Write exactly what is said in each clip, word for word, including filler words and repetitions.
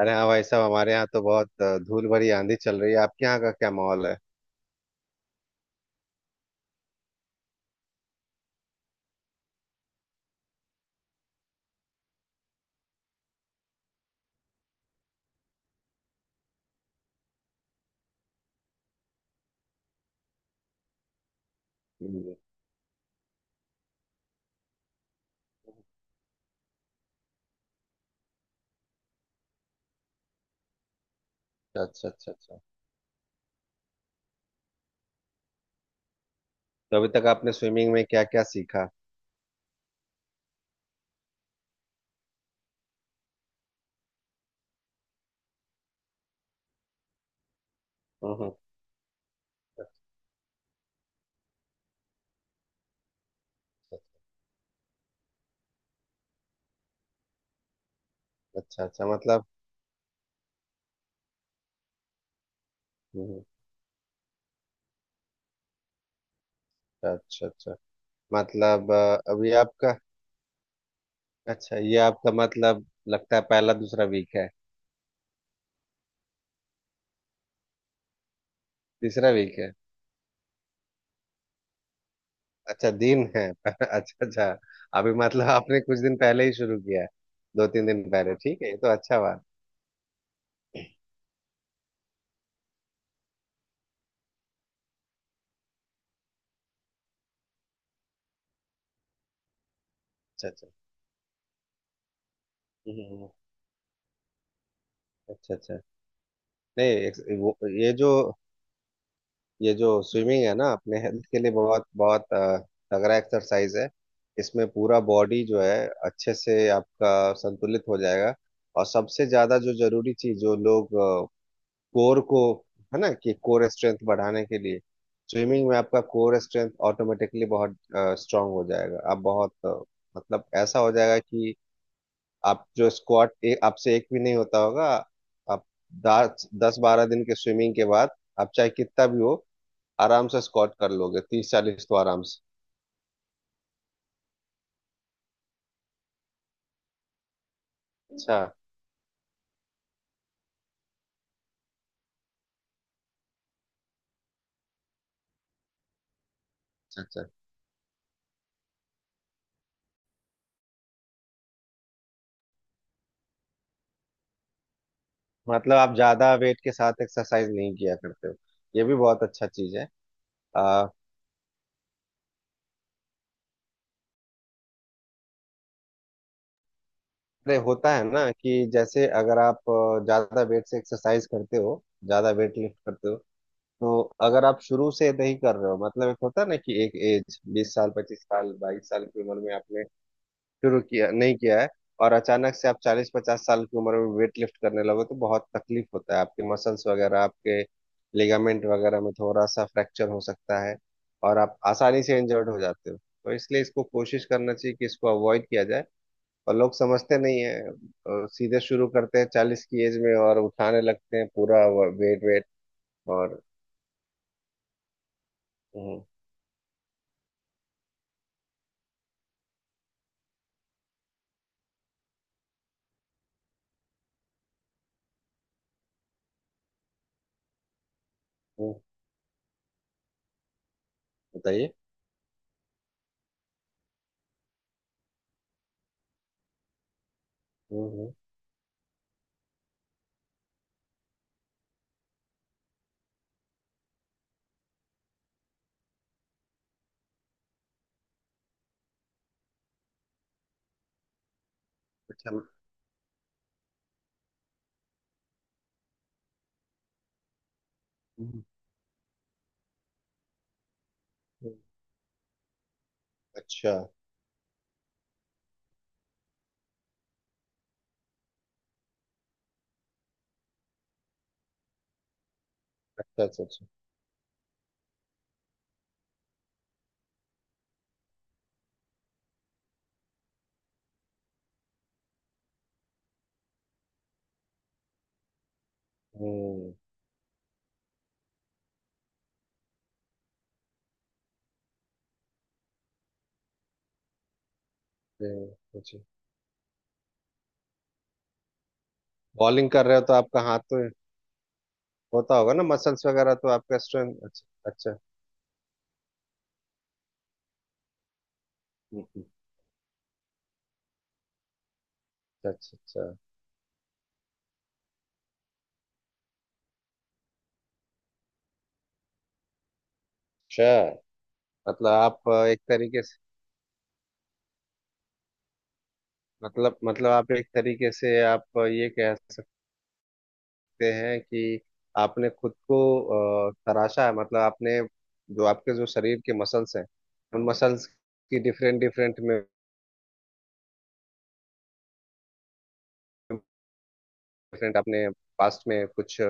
अरे हाँ भाई साहब, हमारे यहाँ तो बहुत अ, धूल भरी आंधी चल रही है। आपके यहाँ का क्या माहौल है? हम्म, अच्छा अच्छा अच्छा अच्छा। तो अभी तक आपने स्विमिंग में क्या क्या सीखा? हम्म हम्म। अच्छा अच्छा अच्छा, मतलब। हम्म। अच्छा अच्छा अच्छा, मतलब अ, अभी आपका अच्छा, ये आपका मतलब लगता है पहला दूसरा वीक है? तीसरा वीक है? अच्छा दिन है अच्छा। अच्छा, अभी मतलब आपने कुछ दिन पहले ही शुरू किया है? दो तीन दिन पहले? ठीक है, ये तो अच्छा बात। अच्छा अच्छा। हम्म, हम्म, हम्म। अच्छा अच्छा। नहीं एक- वो, ये जो ये जो स्विमिंग है ना, अपने हेल्थ के लिए बहुत बहुत अ, तगड़ा एक्सरसाइज है। इसमें पूरा बॉडी जो है अच्छे से आपका संतुलित हो जाएगा। और सबसे ज्यादा जो जरूरी चीज जो लोग, कोर को, है ना, कि कोर स्ट्रेंथ बढ़ाने के लिए स्विमिंग में आपका कोर स्ट्रेंथ ऑटोमेटिकली बहुत स्ट्रांग हो जाएगा। आप बहुत अ, मतलब ऐसा हो जाएगा कि आप जो स्क्वाट आपसे एक भी नहीं होता होगा, आप दस दस बारह दिन के स्विमिंग के बाद आप चाहे कितना भी हो आराम से स्क्वाट कर लोगे, तीस चालीस तो आराम से। अच्छा अच्छा अच्छा। मतलब आप ज्यादा वेट के साथ एक्सरसाइज नहीं किया करते हो? ये भी बहुत अच्छा चीज है। आ, अरे होता है ना, कि जैसे अगर आप अ, ज्यादा वेट से एक्सरसाइज करते हो, ज्यादा वेट लिफ्ट करते हो, तो अगर आप शुरू से नहीं कर रहे हो, मतलब एक होता है ना, कि एक एज बीस साल पच्चीस साल बाईस साल की उम्र में आपने शुरू किया नहीं किया है, और अचानक से आप चालीस पचास साल की उम्र में वेट लिफ्ट करने लगो तो बहुत तकलीफ होता है। आपके मसल्स वगैरह आपके लिगामेंट वगैरह में थोड़ा सा फ्रैक्चर हो सकता है, और आप आसानी से इंजर्ड हो जाते हो, तो इसलिए इसको कोशिश करना चाहिए कि इसको अवॉइड किया जाए। और लोग समझते नहीं है, और सीधे शुरू करते हैं चालीस की एज में, और उठाने लगते हैं पूरा वेट वेट और। हम्म, हम्म, बताइए। हम्म, हम्म, अच्छा। हम्म, हम्म, अच्छा अच्छा अच्छा अच्छा। हम्म हम्म। अच्छा। बॉलिंग कर रहे हो तो आपका हाथ तो होता होगा ना, मसल्स वगैरह, तो आपका स्ट्रेंथ, अच्छा अच्छा। हम्म, हम्म। अच्छा अच्छा अच्छा, मतलब आप एक तरीके से, मतलब मतलब आप एक तरीके से आप ये कह सकते हैं कि आपने खुद को अ, तराशा है, मतलब आपने जो आपके जो शरीर के मसल्स हैं उन मसल्स की डिफरेंट डिफरेंट में, डिफरेंट आपने पास्ट में कुछ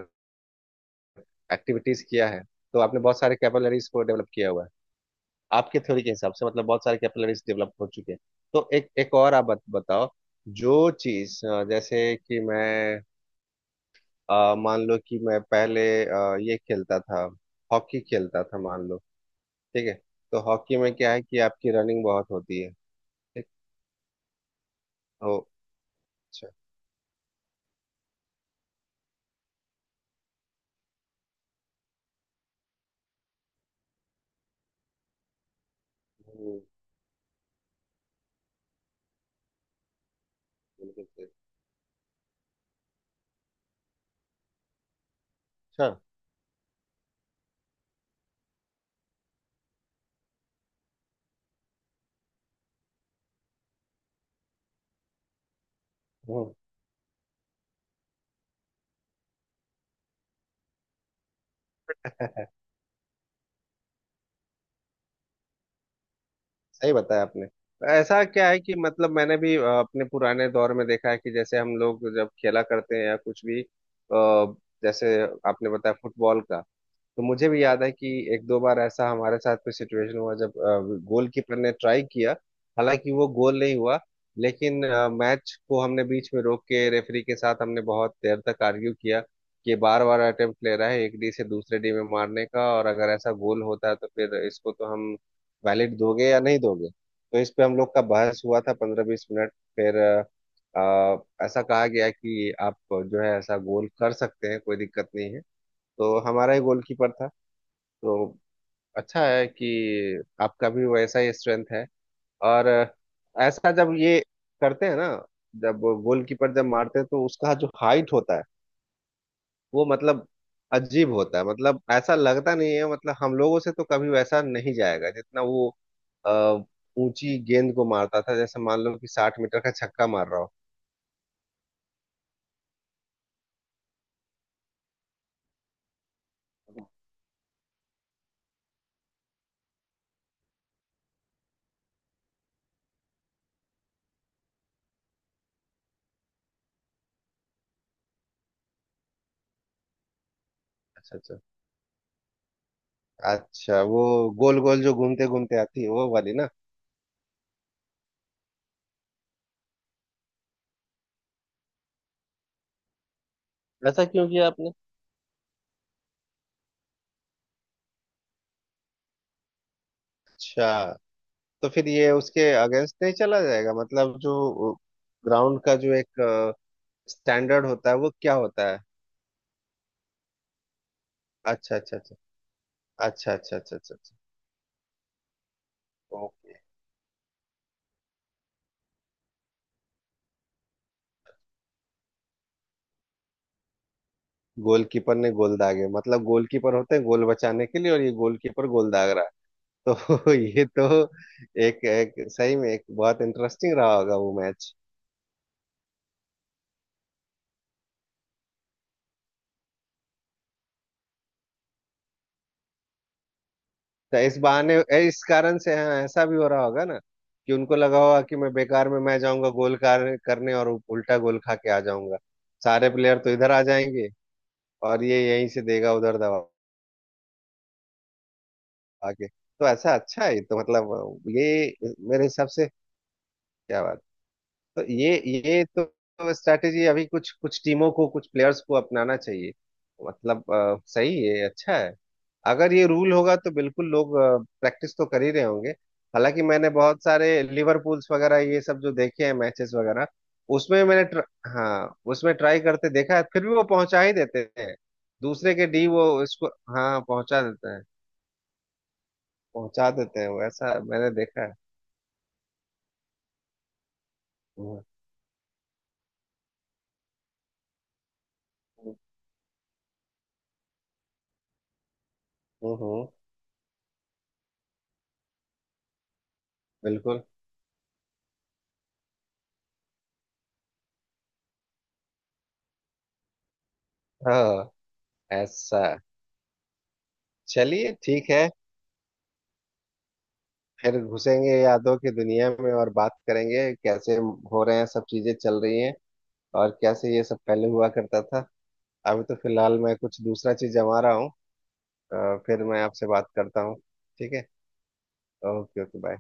एक्टिविटीज किया है, तो आपने बहुत सारे कैपिलरीज को डेवलप किया हुआ है। आपके थ्योरी के हिसाब से मतलब बहुत सारे कैपिलरीज डेवलप हो चुके हैं। तो एक एक और आप बत, बताओ, जो चीज अ, जैसे कि मैं अ, मान लो कि मैं पहले अ, ये खेलता था, हॉकी खेलता था मान लो। ठीक है? तो हॉकी में क्या है कि आपकी रनिंग बहुत होती है। ठीक, ओ, अच्छा। हम्म, बिल्कुल सही। अच्छा। हम्म। सही बताया आपने। तो ऐसा क्या है कि मतलब, मैंने भी अ, अपने पुराने दौर में देखा है, कि जैसे हम लोग जब खेला करते हैं या कुछ भी अ, जैसे आपने बताया फुटबॉल का, तो मुझे भी याद है कि एक दो बार ऐसा हमारे साथ भी सिचुएशन हुआ, जब गोलकीपर ने ट्राई किया, हालांकि वो गोल नहीं हुआ, लेकिन मैच को हमने बीच में रोक के रेफरी के साथ हमने बहुत देर तक आर्ग्यू किया, कि बार बार अटेम्प्ट ले रहा है एक डी से दूसरे डी में मारने का, और अगर ऐसा गोल होता है तो फिर इसको तो हम वैलिड दोगे या नहीं दोगे। तो इस पे हम लोग का बहस हुआ था पंद्रह बीस मिनट, फिर अ, अ, ऐसा कहा गया कि आप जो है ऐसा गोल कर सकते हैं, कोई दिक्कत नहीं है। तो हमारा ही गोलकीपर था, तो अच्छा है कि आपका भी वैसा ही स्ट्रेंथ है। और ऐसा जब ये करते हैं ना, जब गोलकीपर जब मारते हैं तो उसका जो हाइट होता है, वो मतलब अजीब होता है, मतलब ऐसा लगता नहीं है, मतलब हम लोगों से तो कभी वैसा नहीं जाएगा जितना वो अ, ऊंची गेंद को मारता था, जैसे मान लो कि साठ मीटर का छक्का मार रहा हो। अच्छा अच्छा अच्छा, वो गोल गोल जो घूमते घूमते आती है वो वाली ना? ऐसा क्यों किया आपने? अच्छा। तो फिर ये उसके अगेंस्ट नहीं चला जाएगा, मतलब जो ग्राउंड का जो एक स्टैंडर्ड होता है वो क्या होता है? अच्छा अच्छा अच्छा अच्छा अच्छा। अच्छा अच्छा अच्छा। ओके। गोलकीपर ने गोल दागे? मतलब गोलकीपर होते हैं गोल बचाने के लिए, और ये गोलकीपर गोल दाग रहा है? तो ये तो, एक एक सही में एक बहुत इंटरेस्टिंग रहा होगा वो मैच। तो इस बहाने ए, इस कारण से, हाँ ऐसा भी हो रहा होगा ना, कि उनको लगा होगा कि मैं बेकार में मैं जाऊंगा गोल कार, करने और उल्टा गोल खा के आ जाऊंगा। सारे प्लेयर तो इधर आ जाएंगे, और ये यहीं से देगा उधर दबा के। तो ऐसा अच्छा है ये तो, मतलब ये मेरे हिसाब से, क्या बात। तो ये ये तो स्ट्रैटेजी अभी कुछ कुछ टीमों को कुछ प्लेयर्स को अपनाना चाहिए। मतलब अ, सही है, अच्छा है। अगर ये रूल होगा तो बिल्कुल लोग प्रैक्टिस तो कर ही रहे होंगे। हालांकि मैंने बहुत सारे लिवरपूल्स वगैरह ये सब जो देखे हैं मैचेस वगैरह, उसमें मैंने ट्र... हाँ, उसमें ट्राई करते देखा है, फिर भी वो पहुंचा ही देते हैं, दूसरे के डी वो इसको, हाँ पहुंचा देते हैं, पहुंचा देते हैं वो, ऐसा मैंने देखा है। हम्म हम्म हम्म, बिल्कुल, हाँ ऐसा। चलिए ठीक है, फिर घुसेंगे यादों की दुनिया में, और बात करेंगे कैसे हो रहे हैं, सब चीजें चल रही हैं, और कैसे ये सब पहले हुआ करता था। अभी तो फिलहाल मैं कुछ दूसरा चीज जमा रहा हूँ, अ, फिर मैं आपसे बात करता हूँ। ठीक है, ओके ओके बाय।